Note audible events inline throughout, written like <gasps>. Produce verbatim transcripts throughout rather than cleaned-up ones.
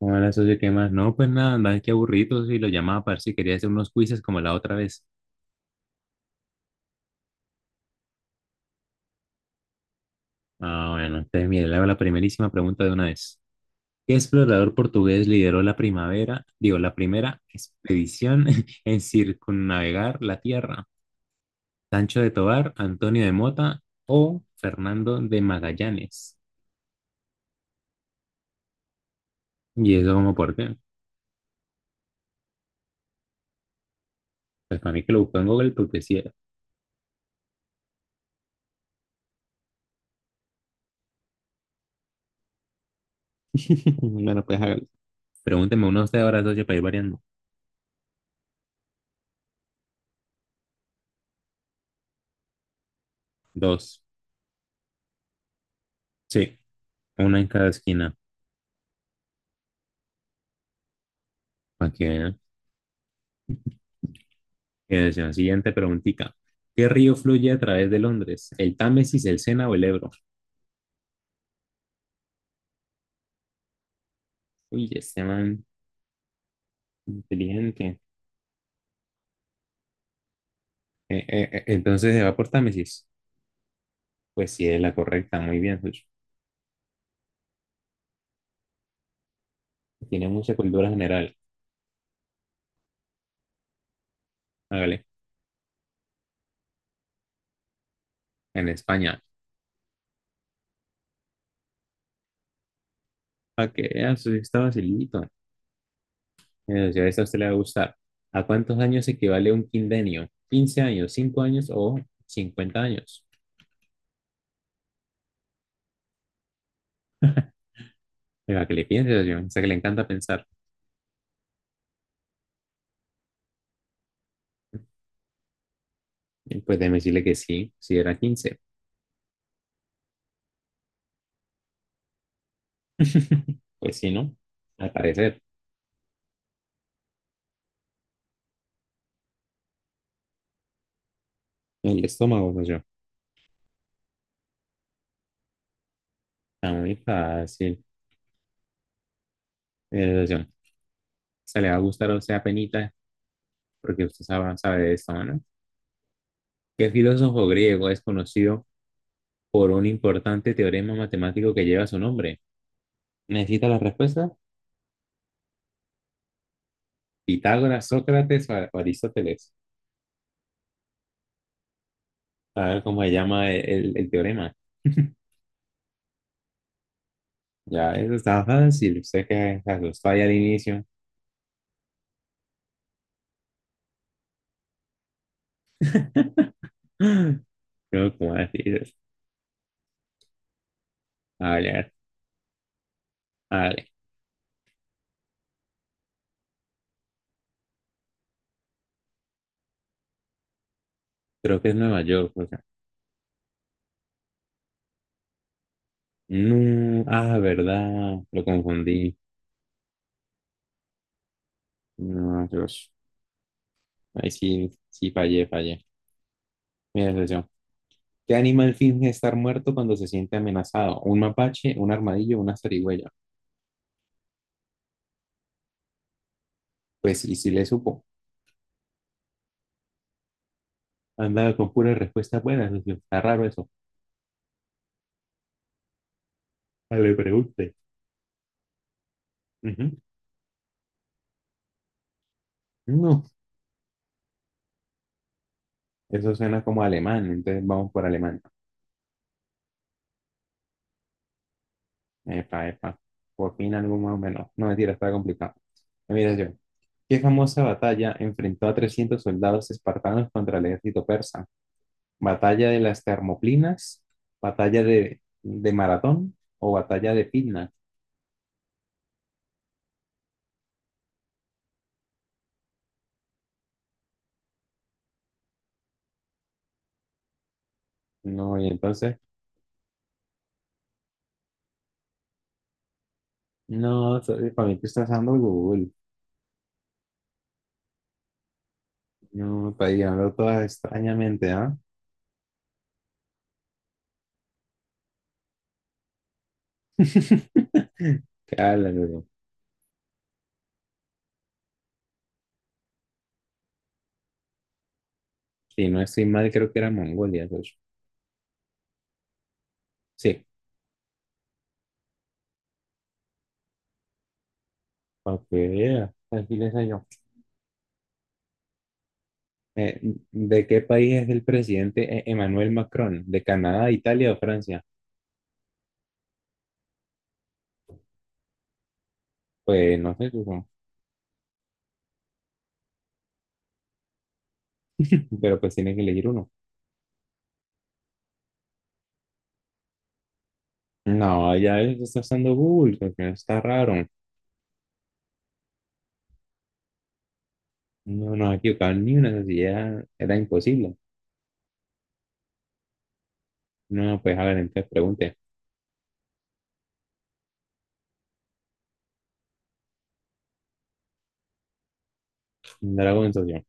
Ahora, socio, ¿qué más? No, pues nada, andaba que aburrido y lo llamaba para ver si quería hacer unos quizzes como la otra vez. Ah, bueno, entonces mire, le hago la primerísima pregunta de una vez. ¿Qué explorador portugués lideró la primavera, digo, la primera expedición <laughs> en circunnavegar la Tierra? ¿Sancho de Tobar, Antonio de Mota o Fernando de Magallanes? ¿Y eso como por qué? Pues para mí que lo buscó en Google porque sí era. <laughs> Bueno, pues hágalo. Pregúnteme uno usted ahora, socio, para ir variando. Dos. Sí, una en cada esquina. Aquí. Que decía, siguiente preguntita. ¿Qué río fluye a través de Londres? ¿El Támesis, el Sena o el Ebro? Uy, este man inteligente. Eh, eh, eh, entonces se va por Támesis. Pues sí, es la correcta. Muy bien, Sucho. Tiene mucha cultura general. Hágale. En España. Para que veas, eso sí está facilito. Eh, si a esta a usted le va a gustar. ¿A cuántos años equivale un quindenio? ¿Quince años, cinco años o cincuenta años? Para que le piense, yo. O sea, que le encanta pensar. Eh, Pues déjeme decirle que sí, si era quince. <laughs> Pues sí, ¿no? Al parecer, el estómago, pues yo. Está muy fácil. Eh, Se le va a gustar a usted apenita, porque usted sabe, sabe de esto, ¿no? ¿Qué filósofo griego es conocido por un importante teorema matemático que lleva su nombre? ¿Necesita la respuesta? ¿Pitágoras, Sócrates o Ar- o Aristóteles? A ver cómo se llama el, el- el teorema. <laughs> Ya, eso está fácil. Usted que se asustó ahí al inicio. <gasps> Creo que, ¿cómo decir? A ver. Creo que es Nueva York. No, ah, verdad, lo confundí. No, Dios. Ahí sí, sí, fallé, fallé. Mira, atención. ¿Qué animal finge estar muerto cuando se siente amenazado? ¿Un mapache, un armadillo, una zarigüeya? Pues, y si le supo. Andaba con puras respuestas buenas, socio. Está raro eso. Ah, le pregunte. Ujú. No, eso suena como alemán, entonces vamos por alemán. Epa, epa. Por fin algo más o menos. No, mentira, está complicado. Mira, atención. ¿Qué famosa batalla enfrentó a trescientos soldados espartanos contra el ejército persa? ¿Batalla de las Termoplinas, Batalla de, de Maratón o Batalla de Pitna? No, y entonces, no, so- para mí tú estás usando Google. No, está llegando todas extrañamente, ¿ah? <laughs> Claro, si no estoy mal, creo que era Mongolia, de hecho. Sí, para que vea. Aquí les hallo. Eh, ¿de qué país es el presidente E- Emmanuel Macron? ¿De Canadá, Italia o Francia? Pues no sé, supongo. <laughs> Pero pues tiene que elegir uno. No, ya él está usando Google, porque está raro. No nos ha equivocado ni una necesidad, era imposible. No, pues a ver, entonces pregunte. Dragon Social.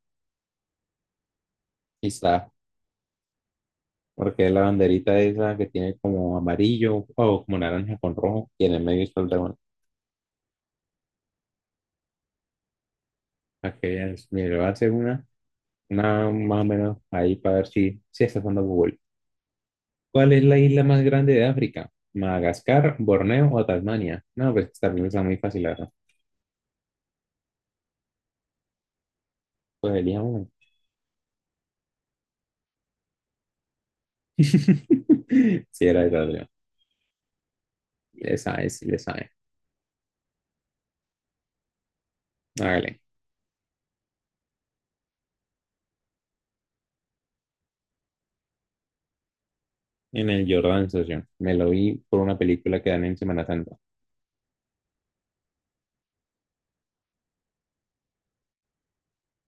Y está, porque la banderita esa que tiene como amarillo o como naranja con rojo, y en el medio está el dragón. Para que veas, mire, le voy a hacer una, una más o menos ahí para ver si, si está usando Google. ¿Cuál es la isla más grande de África? ¿Madagascar, Borneo o Tasmania? No, pues también está muy fácil, la verdad. Pues elija uno. <laughs> Si era esa, le sabe, sí, le sabe. Hágale. En el Jordan, socio. Me lo vi por una película que dan en Semana Santa.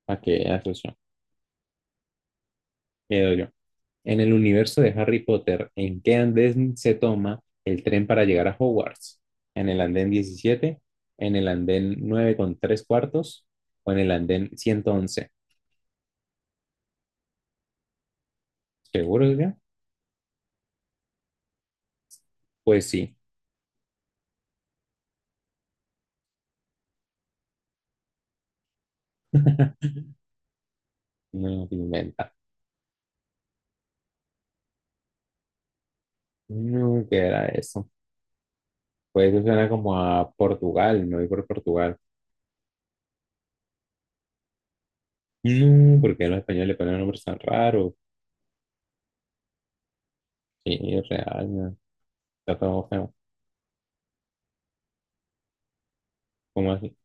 ¿Para qué vea, socio? Le doy yo. En el universo de Harry Potter, ¿en qué andén se toma el tren para llegar a Hogwarts? ¿En el andén diecisiete? ¿En el andén nueve con tres cuartos? ¿O en el andén ciento once? ¿Seguro, socio? Pues sí. <laughs> No, que inventa. No, ¿qué era eso? Pues eso suena como a Portugal, me voy por Portugal. No, porque a los españoles le ponen nombres tan raros. Sí, real, man. Está todo feo. ¿Cómo así?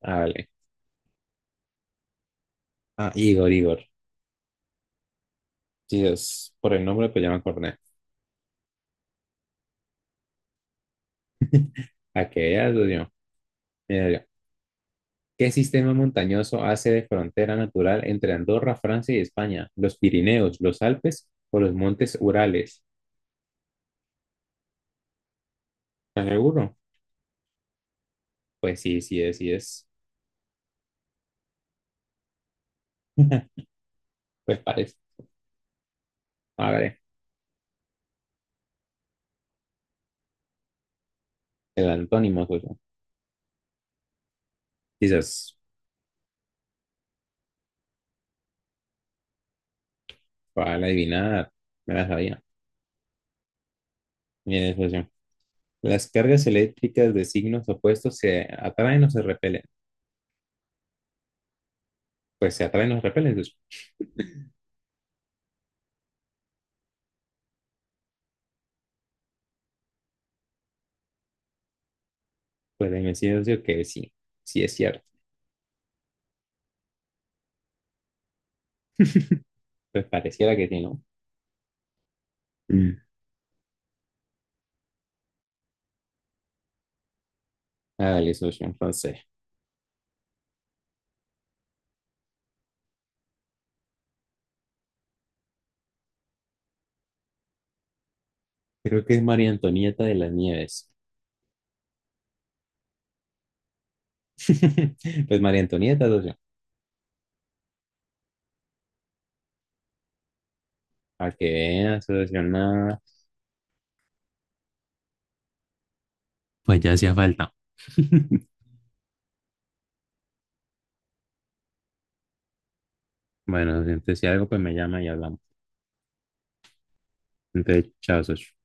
Ah, vale. Ah, Igor, Igor. Sí, es por el nombre, pues ya me acordé. Aquella, Dios mío. Mira yo. ¿Qué sistema montañoso hace de frontera natural entre Andorra, Francia y España? ¿Los Pirineos, los Alpes o los Montes Urales? ¿Estás seguro? Pues sí, sí es, sí es. <laughs> Pues parece. A ver, el antónimo, socio. Quizás para adivinar, me la sabía. Mira, socio. Las cargas eléctricas de signos opuestos se atraen o se repelen. Pues se atraen los repeles, pues, pues de inmediato decir que sí, sí es cierto. Pues pareciera que sí, ¿no? Mm. Ah, el socio, entonces. Creo que es María Antonieta de las Nieves. <laughs> Pues María Antonieta, socio. A que vean, socio, nada. Pues ya hacía falta. <laughs> Bueno, entonces si algo, pues me llama y hablamos. Entonces, chao, socio.